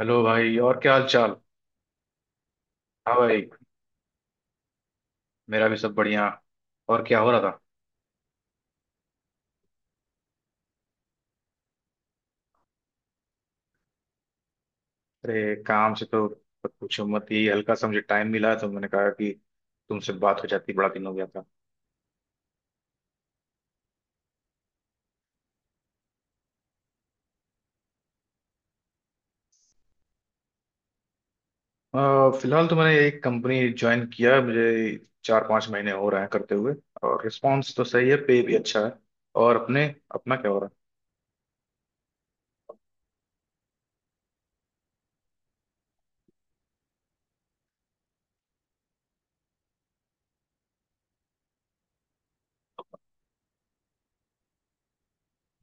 Hello भाई। और क्या हाल चाल? हाँ भाई, मेरा भी सब बढ़िया। और क्या हो रहा था? अरे काम से तो मत पूछो मत ही। हल्का सा मुझे टाइम मिला तो मैंने कहा कि तुमसे बात हो जाती, बड़ा दिन हो गया था। फिलहाल तो मैंने एक कंपनी ज्वाइन किया है, मुझे 4-5 महीने हो रहे हैं करते हुए। और रिस्पॉन्स तो सही है, पे भी अच्छा है। और अपने अपना क्या हो रहा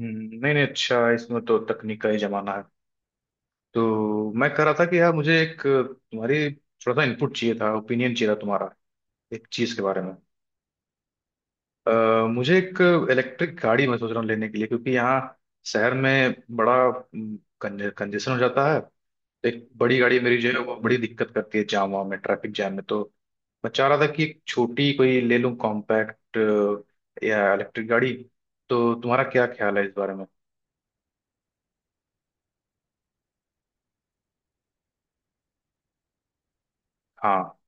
है? नहीं नहीं, अच्छा है, इसमें तो तकनीक का ही जमाना है। तो मैं कह रहा था कि यार मुझे एक तुम्हारी थोड़ा सा इनपुट चाहिए था, ओपिनियन चाहिए था तुम्हारा, एक चीज के बारे में। अ, मुझे एक इलेक्ट्रिक गाड़ी मैं सोच रहा हूँ लेने के लिए, क्योंकि यहाँ शहर में बड़ा कंजेशन हो जाता है। एक बड़ी गाड़ी मेरी जो है वो बड़ी दिक्कत करती है जाम वाम में, ट्रैफिक जाम में। तो मैं चाह रहा था कि एक छोटी कोई ले लूँ कॉम्पैक्ट या इलेक्ट्रिक गाड़ी। तो तुम्हारा क्या ख्याल है इस बारे में? हाँ।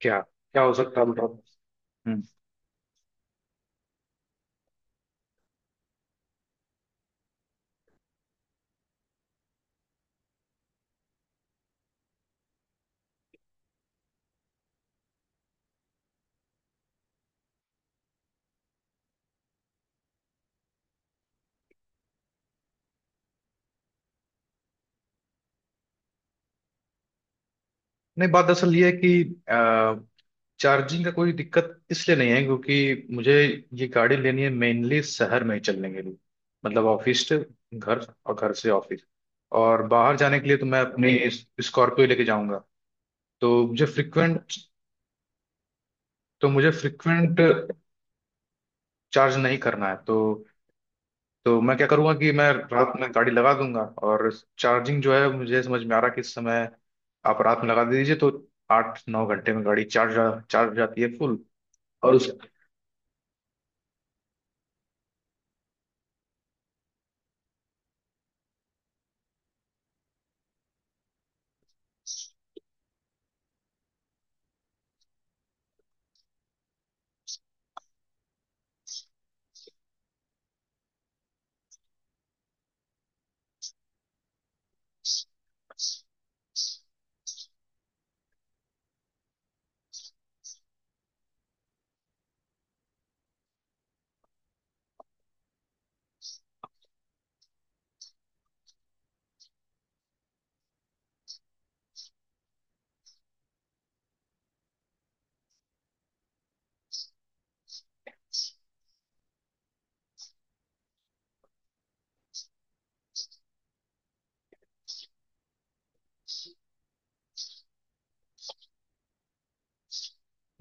क्या क्या हो सकता है बताओ। हम्म। नहीं, बात दरअसल ये है कि चार्जिंग का कोई दिक्कत इसलिए नहीं है क्योंकि मुझे ये गाड़ी लेनी है मेनली शहर में ही चलने के लिए। मतलब ऑफिस से घर और घर से ऑफिस। और बाहर जाने के लिए तो मैं अपनी स्कॉर्पियो लेके जाऊंगा। तो मुझे फ्रिक्वेंट तो मुझे फ्रिक्वेंट चार्ज नहीं करना है। तो मैं क्या करूंगा कि मैं रात में गाड़ी लगा दूंगा। और चार्जिंग जो है, मुझे समझ में आ रहा कि इस समय आप रात में लगा दीजिए तो 8-9 घंटे में गाड़ी चार्ज चार्ज हो जाती है फुल। और उस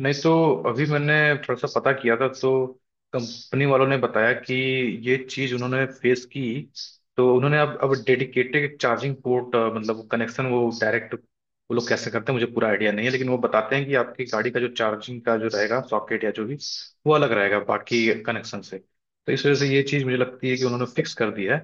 नहीं तो अभी मैंने थोड़ा सा पता किया था तो कंपनी वालों ने बताया कि ये चीज उन्होंने फेस की। तो उन्होंने अब डेडिकेटेड चार्जिंग पोर्ट, मतलब कनेक्शन, वो डायरेक्ट, वो लोग कैसे करते हैं मुझे पूरा आइडिया नहीं है, लेकिन वो बताते हैं कि आपकी गाड़ी का जो चार्जिंग का जो रहेगा सॉकेट या जो भी, वो अलग रहेगा बाकी कनेक्शन से। तो इस वजह से ये चीज मुझे लगती है कि उन्होंने फिक्स कर दी है।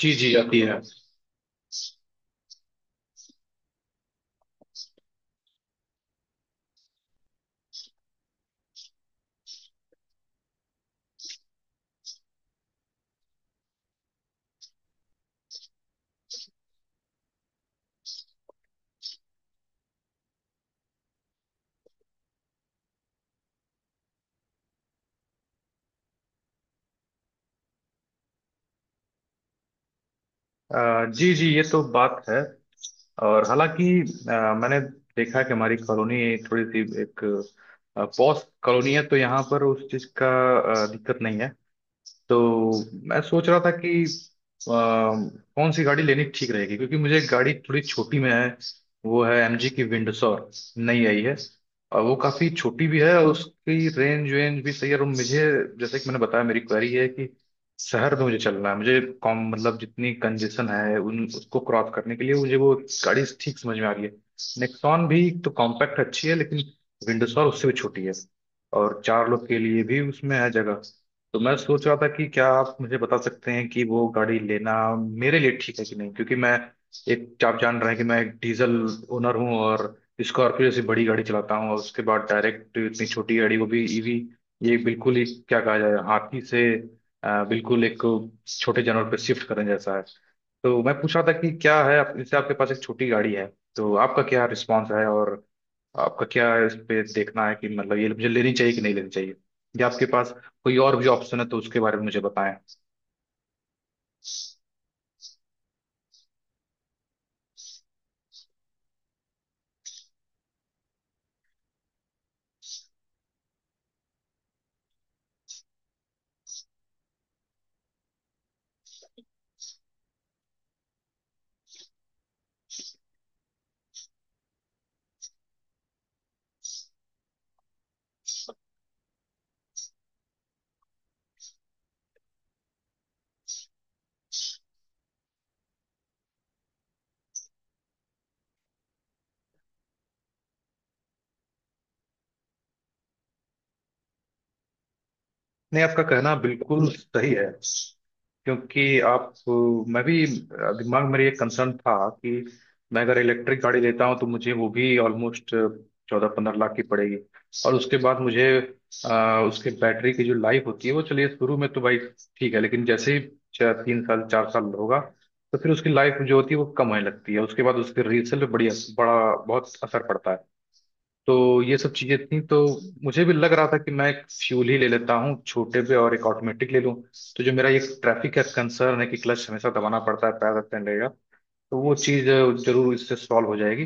जी जी, आती है। जी जी, ये तो बात है। और हालांकि मैंने देखा कि हमारी कॉलोनी थोड़ी सी एक पॉश कॉलोनी है, तो यहाँ पर उस चीज़ का दिक्कत नहीं है। तो मैं सोच रहा था कि अ, कौन सी गाड़ी लेनी ठीक रहेगी, क्योंकि मुझे एक गाड़ी थोड़ी छोटी में है, वो है एमजी की विंडसर। नई आई है। और वो काफ़ी छोटी भी है और उसकी रेंज वेंज भी सही है। और मुझे, जैसे कि मैंने बताया, मेरी क्वेरी है कि शहर में मुझे चलना है, मुझे कॉम मतलब जितनी कंजेशन है उन उसको क्रॉस करने के लिए मुझे वो गाड़ी ठीक समझ में आ रही है। नेक्सॉन भी तो कॉम्पैक्ट अच्छी है, लेकिन विंडसर उससे भी छोटी है। और चार लोग के लिए भी उसमें है जगह। तो मैं सोच रहा था कि क्या आप मुझे बता सकते हैं कि वो गाड़ी लेना मेरे लिए ठीक है कि नहीं, क्योंकि मैं एक, आप जान रहे हैं कि मैं एक डीजल ओनर हूँ और स्कॉर्पियो जैसी बड़ी गाड़ी चलाता हूँ, और उसके बाद डायरेक्ट इतनी छोटी गाड़ी, वो भी ईवी, ये बिल्कुल ही क्या कहा जाए, हाथी से बिल्कुल एक छोटे जानवर पे शिफ्ट करने जैसा है। तो मैं पूछ रहा था कि क्या है आप, जैसे आपके पास एक छोटी गाड़ी है, तो आपका क्या रिस्पॉन्स है? और आपका क्या इस पे देखना है कि मतलब ये मुझे लेनी चाहिए कि नहीं लेनी चाहिए? या आपके पास कोई और भी ऑप्शन है तो उसके बारे में मुझे बताएं। नहीं, आपका कहना बिल्कुल सही है क्योंकि आप, मैं भी दिमाग में मेरे ये कंसर्न था कि मैं अगर इलेक्ट्रिक गाड़ी लेता हूं तो मुझे वो भी ऑलमोस्ट 14-15 लाख की पड़ेगी। और उसके बाद मुझे उसके बैटरी की जो लाइफ होती है वो चलिए शुरू में तो भाई ठीक है, लेकिन जैसे ही चार 3 साल 4 साल होगा तो फिर उसकी लाइफ जो होती है वो कम होने लगती है, उसके बाद उसके रीसेल पे बड़ी बड़ा बहुत असर पड़ता है। तो ये सब चीजें थी, तो मुझे भी लग रहा था कि मैं एक फ्यूल ही ले लेता हूँ छोटे पे, और एक ऑटोमेटिक ले लूँ। तो जो मेरा ये ट्रैफिक का कंसर्न है कि क्लच हमेशा दबाना पड़ता है, पैर रखते रहेगा, तो वो चीज जरूर इससे सॉल्व हो जाएगी।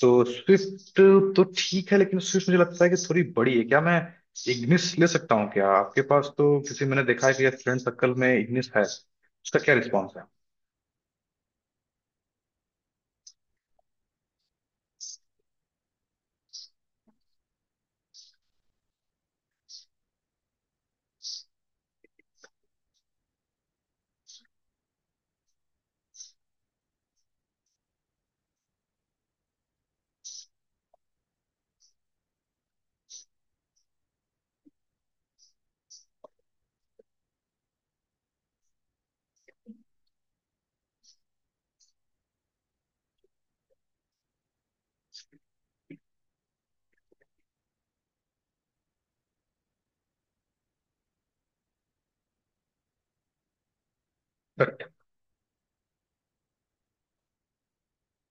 तो स्विफ्ट तो ठीक है, लेकिन स्विफ्ट मुझे लगता है कि थोड़ी बड़ी है। क्या मैं इग्निस ले सकता हूँ? क्या आपके पास तो किसी, मैंने देखा है कि फ्रेंड सर्कल में इग्निस है, उसका क्या रिस्पॉन्स है?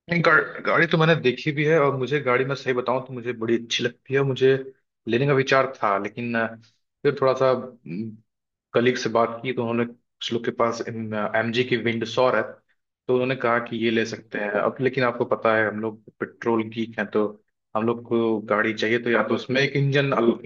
नहीं, गाड़ी तो मैंने देखी भी है, और मुझे गाड़ी, मैं सही बताऊं तो मुझे बड़ी अच्छी लगती है, मुझे लेने का विचार था, लेकिन फिर थोड़ा सा कलीग से बात की तो उन्होंने, कुछ लोग के पास एमजी की विंडसर है, तो उन्होंने कहा कि ये ले सकते हैं। अब लेकिन आपको पता है हम लोग पेट्रोल गीक हैं, तो हम लोग को गाड़ी चाहिए तो या तो उसमें एक इंजन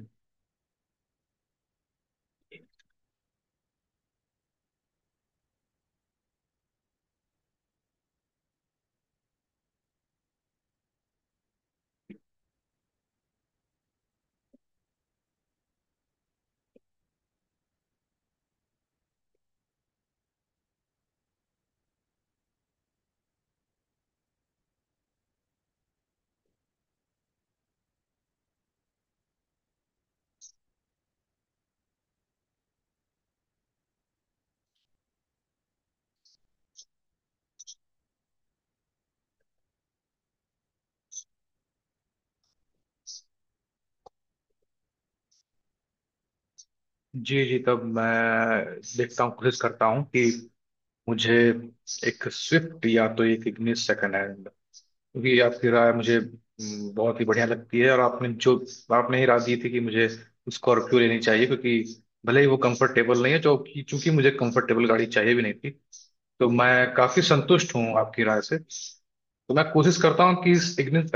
जी जी, तब मैं देखता हूँ, कोशिश करता हूँ कि मुझे एक स्विफ्ट या तो एक इग्निस सेकंड है, क्योंकि आपकी राय मुझे बहुत ही बढ़िया लगती है। और आपने ही राय दी थी कि मुझे स्कॉर्पियो लेनी चाहिए, क्योंकि भले ही वो कंफर्टेबल नहीं है, जो कि चूंकि मुझे कंफर्टेबल गाड़ी चाहिए भी नहीं थी, तो मैं काफी संतुष्ट हूँ आपकी राय से। तो मैं कोशिश करता हूँ कि इस इग्निस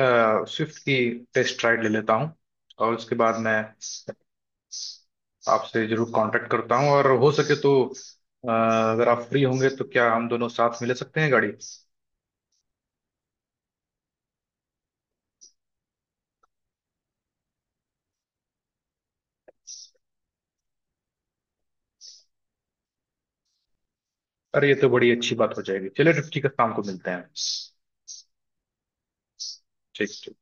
स्विफ्ट की टेस्ट राइड ले लेता हूँ, और उसके बाद मैं आपसे जरूर कांटेक्ट करता हूँ। और हो सके तो अगर आप फ्री होंगे तो क्या हम दोनों साथ में ले सकते हैं गाड़ी? अरे, ये तो बड़ी अच्छी बात हो जाएगी। चलिए, 50 का शाम को मिलते हैं। ठीक ठीक।